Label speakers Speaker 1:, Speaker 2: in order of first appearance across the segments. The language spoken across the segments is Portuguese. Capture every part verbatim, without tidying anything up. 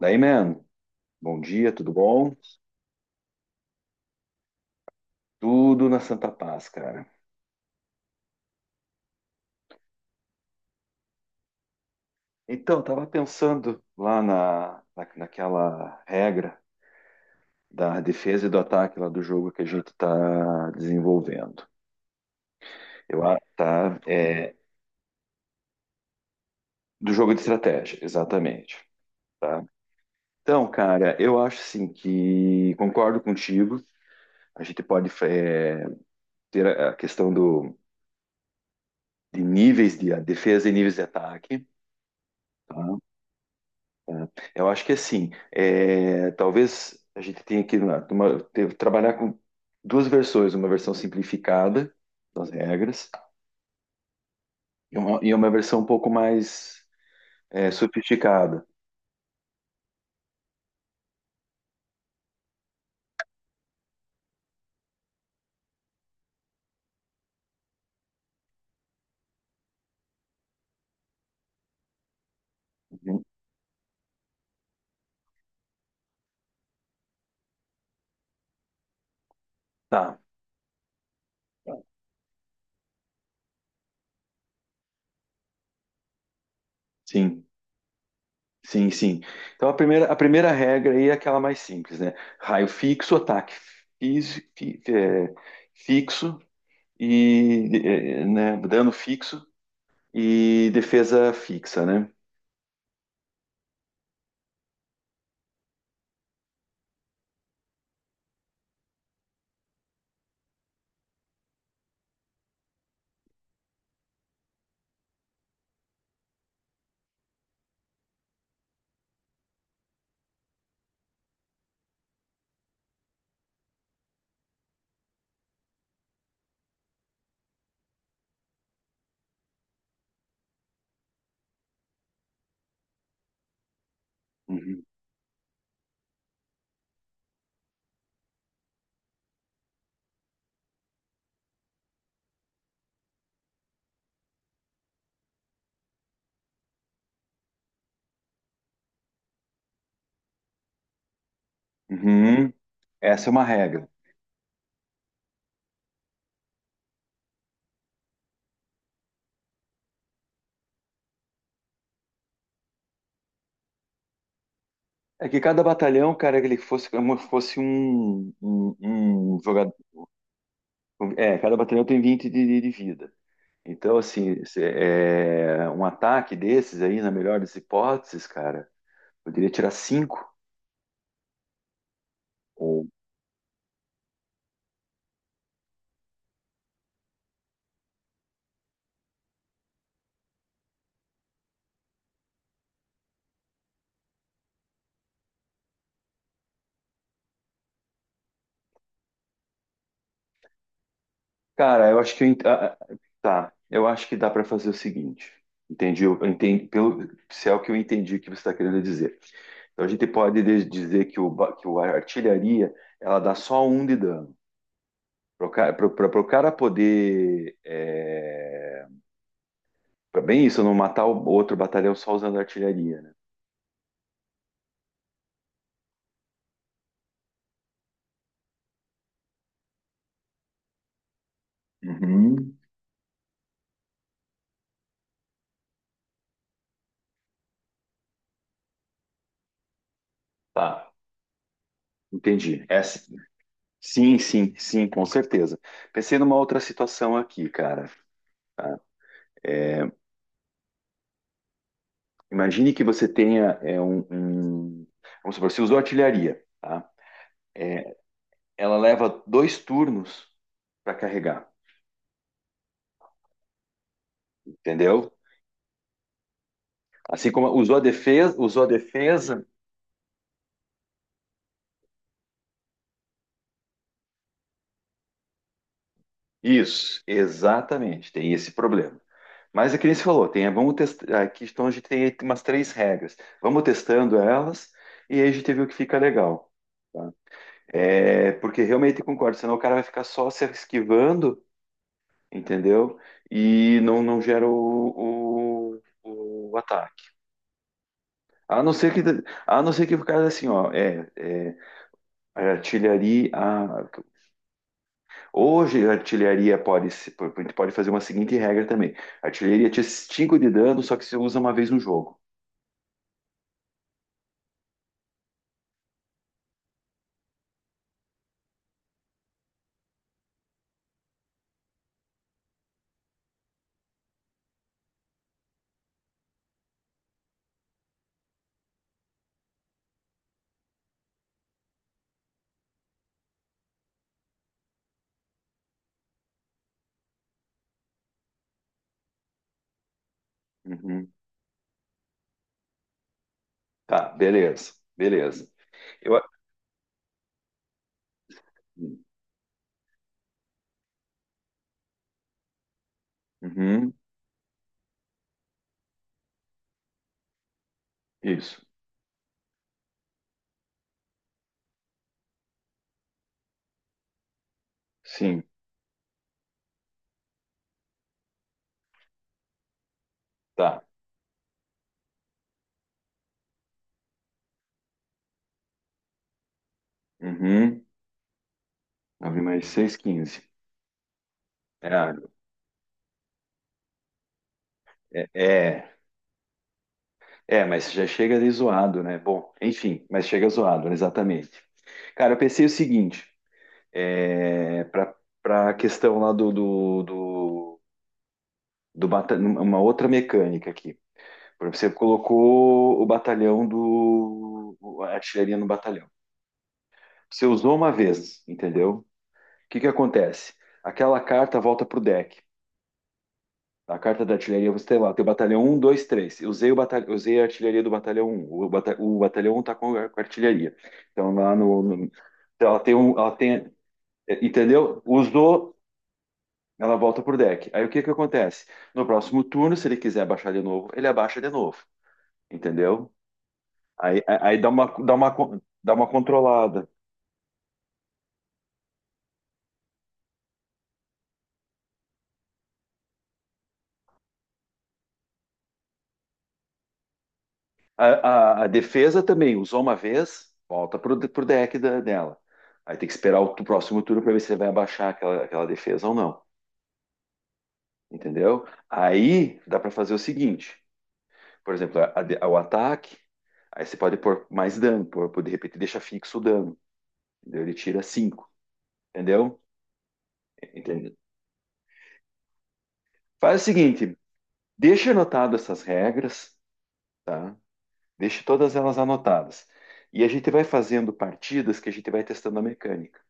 Speaker 1: Daí, man, bom dia, tudo bom? Tudo na Santa Paz, cara. Então, eu tava pensando lá na, na- naquela regra da defesa e do ataque lá do jogo que a gente tá desenvolvendo. Eu a- tá é, do jogo de estratégia, exatamente, tá? Então, cara, eu acho assim que concordo contigo. A gente pode é, ter a a questão do de níveis de a defesa e níveis de ataque, tá? Tá? Eu acho que assim, é, talvez a gente tenha que na- uma- ter- trabalhar com duas versões, uma versão simplificada das regras e uma, e uma versão um pouco mais é, sofisticada. Uhum. Tá, sim, sim, sim. Então a primeira, a primeira regra aí é aquela mais simples, né? Raio fixo, ataque fis- fi- é, fixo e é, né, dano fixo e defesa fixa, né? Uhum. Uhum. Essa é uma regra. É que cada batalhão, cara, ele fosse como se fosse um, um, um jogador. É, cada batalhão tem vinte de, de- de vida. Então, assim, se- é, um ataque desses aí, na melhor das hipóteses, cara, poderia tirar cinco. Ou... Cara, eu acho que. Eu ent- ah, ah, tá, eu acho que dá para fazer o seguinte. Entendi, eu entendi, pelo, se é o que eu entendi que você está querendo dizer. Então, a gente pode de- dizer que, o, ba- que o- a artilharia, ela dá só um de dano. Para o cara poder. É, é bem isso, não matar o outro batalhão só usando artilharia, né? Uhum. Tá, entendi. Essa. Sim, sim, sim, com certeza. Pensei numa outra situação aqui, cara. Tá? Imagine que você tenha é, um, um- vamos supor, você usou artilharia, tá? Ela leva dois turnos para carregar, entendeu? Assim como usou a defesa, usou a defesa. Isso, exatamente, tem esse problema. Mas é que nem você falou, tem, vamos testar. Aqui então a gente tem umas três regras. Vamos testando elas e aí a gente vê o que fica legal. Tá? É, porque realmente concordo, senão o cara vai ficar só se esquivando, entendeu? E não, não gera o, o, o ataque. A não ser que, a não ser que o cara assim, ó, é, é a artilharia. A- hoje a artilharia pode, se- a gente pode fazer uma seguinte regra também: a artilharia tinha cinco de dano, só que se usa uma vez no jogo. Uhum. Tá, beleza, beleza. Eu... Uhum, isso, sim, tá. Uhum, nove mais seis, quinze. É, é, é, é, mas já chega ali zoado, né? Bom, enfim, mas chega zoado, né? Exatamente. Cara, eu pensei o seguinte, é, para para a questão lá do, do, do, do bata- uma outra mecânica aqui. Por exemplo, você colocou o batalhão do, a artilharia no batalhão. Você usou uma vez, entendeu? O que que acontece? Aquela carta volta para o deck. A carta da artilharia, você tem lá, tem o batalhão um, dois, três. Eu usei, o batalhão, usei a artilharia do batalhão um. O, bata- o batalhão um está com a artilharia. Então, lá no, no- então, ela tem um. Ela tem, é, entendeu? Usou, ela volta pro deck. Aí o que que acontece? No próximo turno, se ele quiser abaixar de novo, ele abaixa de novo. Entendeu? Aí, aí dá uma, dá uma, dá uma controlada. A, a- a defesa também usou uma vez, volta pro, de- pro deck da- dela. Aí tem que esperar o, tu- próximo turno para ver se ele vai abaixar aquela, aquela defesa ou não. Entendeu? Aí dá para fazer o seguinte: por exemplo, a- a de- o ataque, aí você pode pôr mais dano, pôr, pôr- de repente deixa fixo o dano. Entendeu? Ele tira cinco. Entendeu? Entendeu? Faz o seguinte: deixa anotado essas regras, tá? Deixa todas elas anotadas. E a gente vai fazendo partidas que a gente vai testando a mecânica,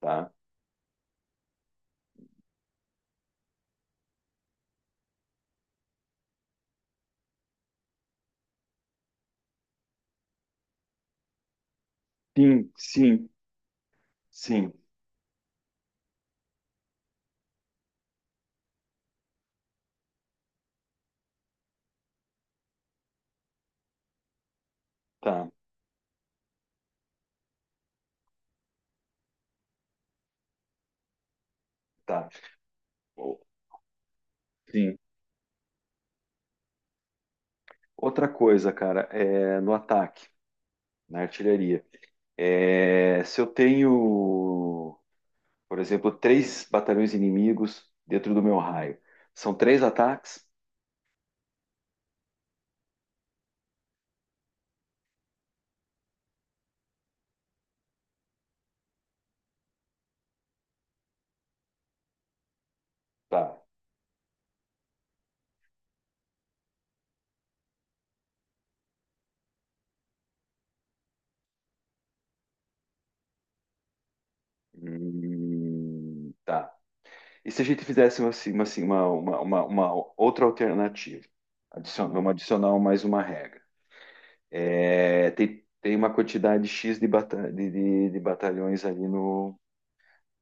Speaker 1: tá? Sim, sim. Sim, tá, tá. O- Sim. Outra coisa, cara, é no ataque, na artilharia. É, se eu tenho, por exemplo, três batalhões inimigos dentro do meu raio, são três ataques? Tá. Hum, tá. E se a gente fizesse uma, assim, uma, assim, uma, uma, uma- uma outra alternativa? Adicion- vamos adicionar mais uma regra. É, tem, tem uma quantidade X de, bata- de, de- de batalhões ali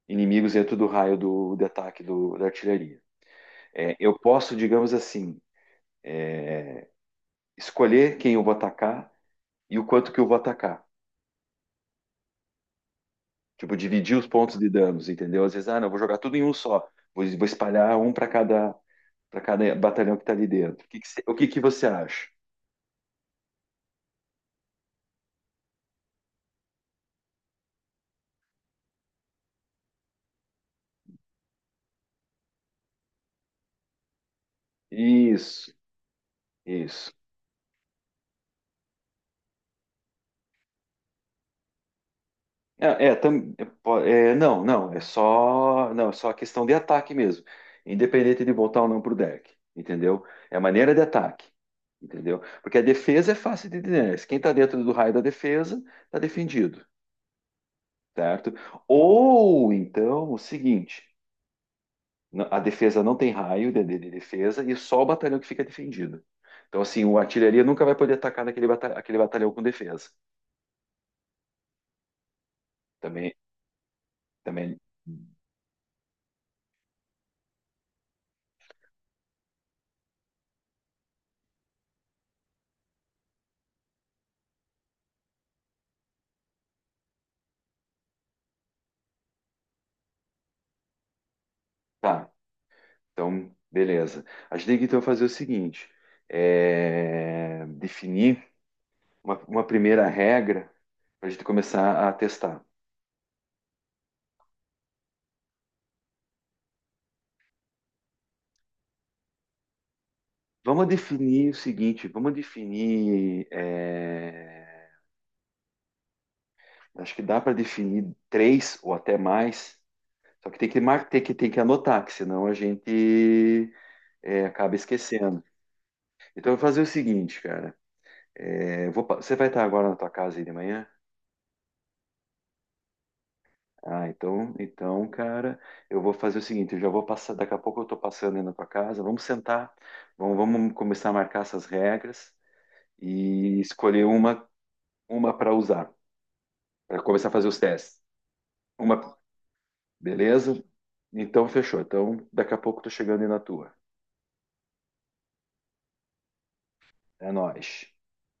Speaker 1: inimigos dentro do raio do, de ataque do, da artilharia. É, eu posso, digamos assim, escolher quem eu vou atacar e o quanto que eu vou atacar. Tipo, dividir os pontos de danos, entendeu? Às vezes, ah, não, vou jogar tudo em um só. Vou, vou espalhar um para cada, para cada batalhão que está ali dentro. O que, que, o que que você acha? Isso, isso. É, é, tam- é, po- é, não, não, é só, não, é só a questão de ataque mesmo, independente de voltar ou não pro deck, entendeu? É a maneira de ataque, entendeu? Porque a defesa é fácil de entender. Quem tá dentro do raio da defesa tá defendido, certo? Ou então o seguinte, n- a defesa não tem raio de, de- de defesa e só o batalhão que fica defendido. Então assim, o artilharia nunca vai poder atacar naquele bata- aquele batalhão com defesa. Também, também, tá. Então, beleza. A gente tem que então fazer o seguinte: é, definir uma, uma primeira regra para a gente começar a testar. Vamos definir o seguinte: vamos definir. é, acho que dá para definir três ou até mais. Só que tem que mar- tem que tem que anotar, que senão a gente é, acaba esquecendo. Então, eu vou fazer o seguinte, cara. É, eu vou pa- você vai estar agora na tua casa aí de manhã? Ah, então, então, cara, eu vou fazer o seguinte, eu já vou passar, daqui a pouco eu tô passando aí na tua casa, vamos sentar, vamos, vamos começar a marcar essas regras e escolher uma, uma para usar, para começar a fazer os testes. Uma, Beleza? Então, fechou. Então, daqui a pouco eu tô chegando aí na tua. É nóis.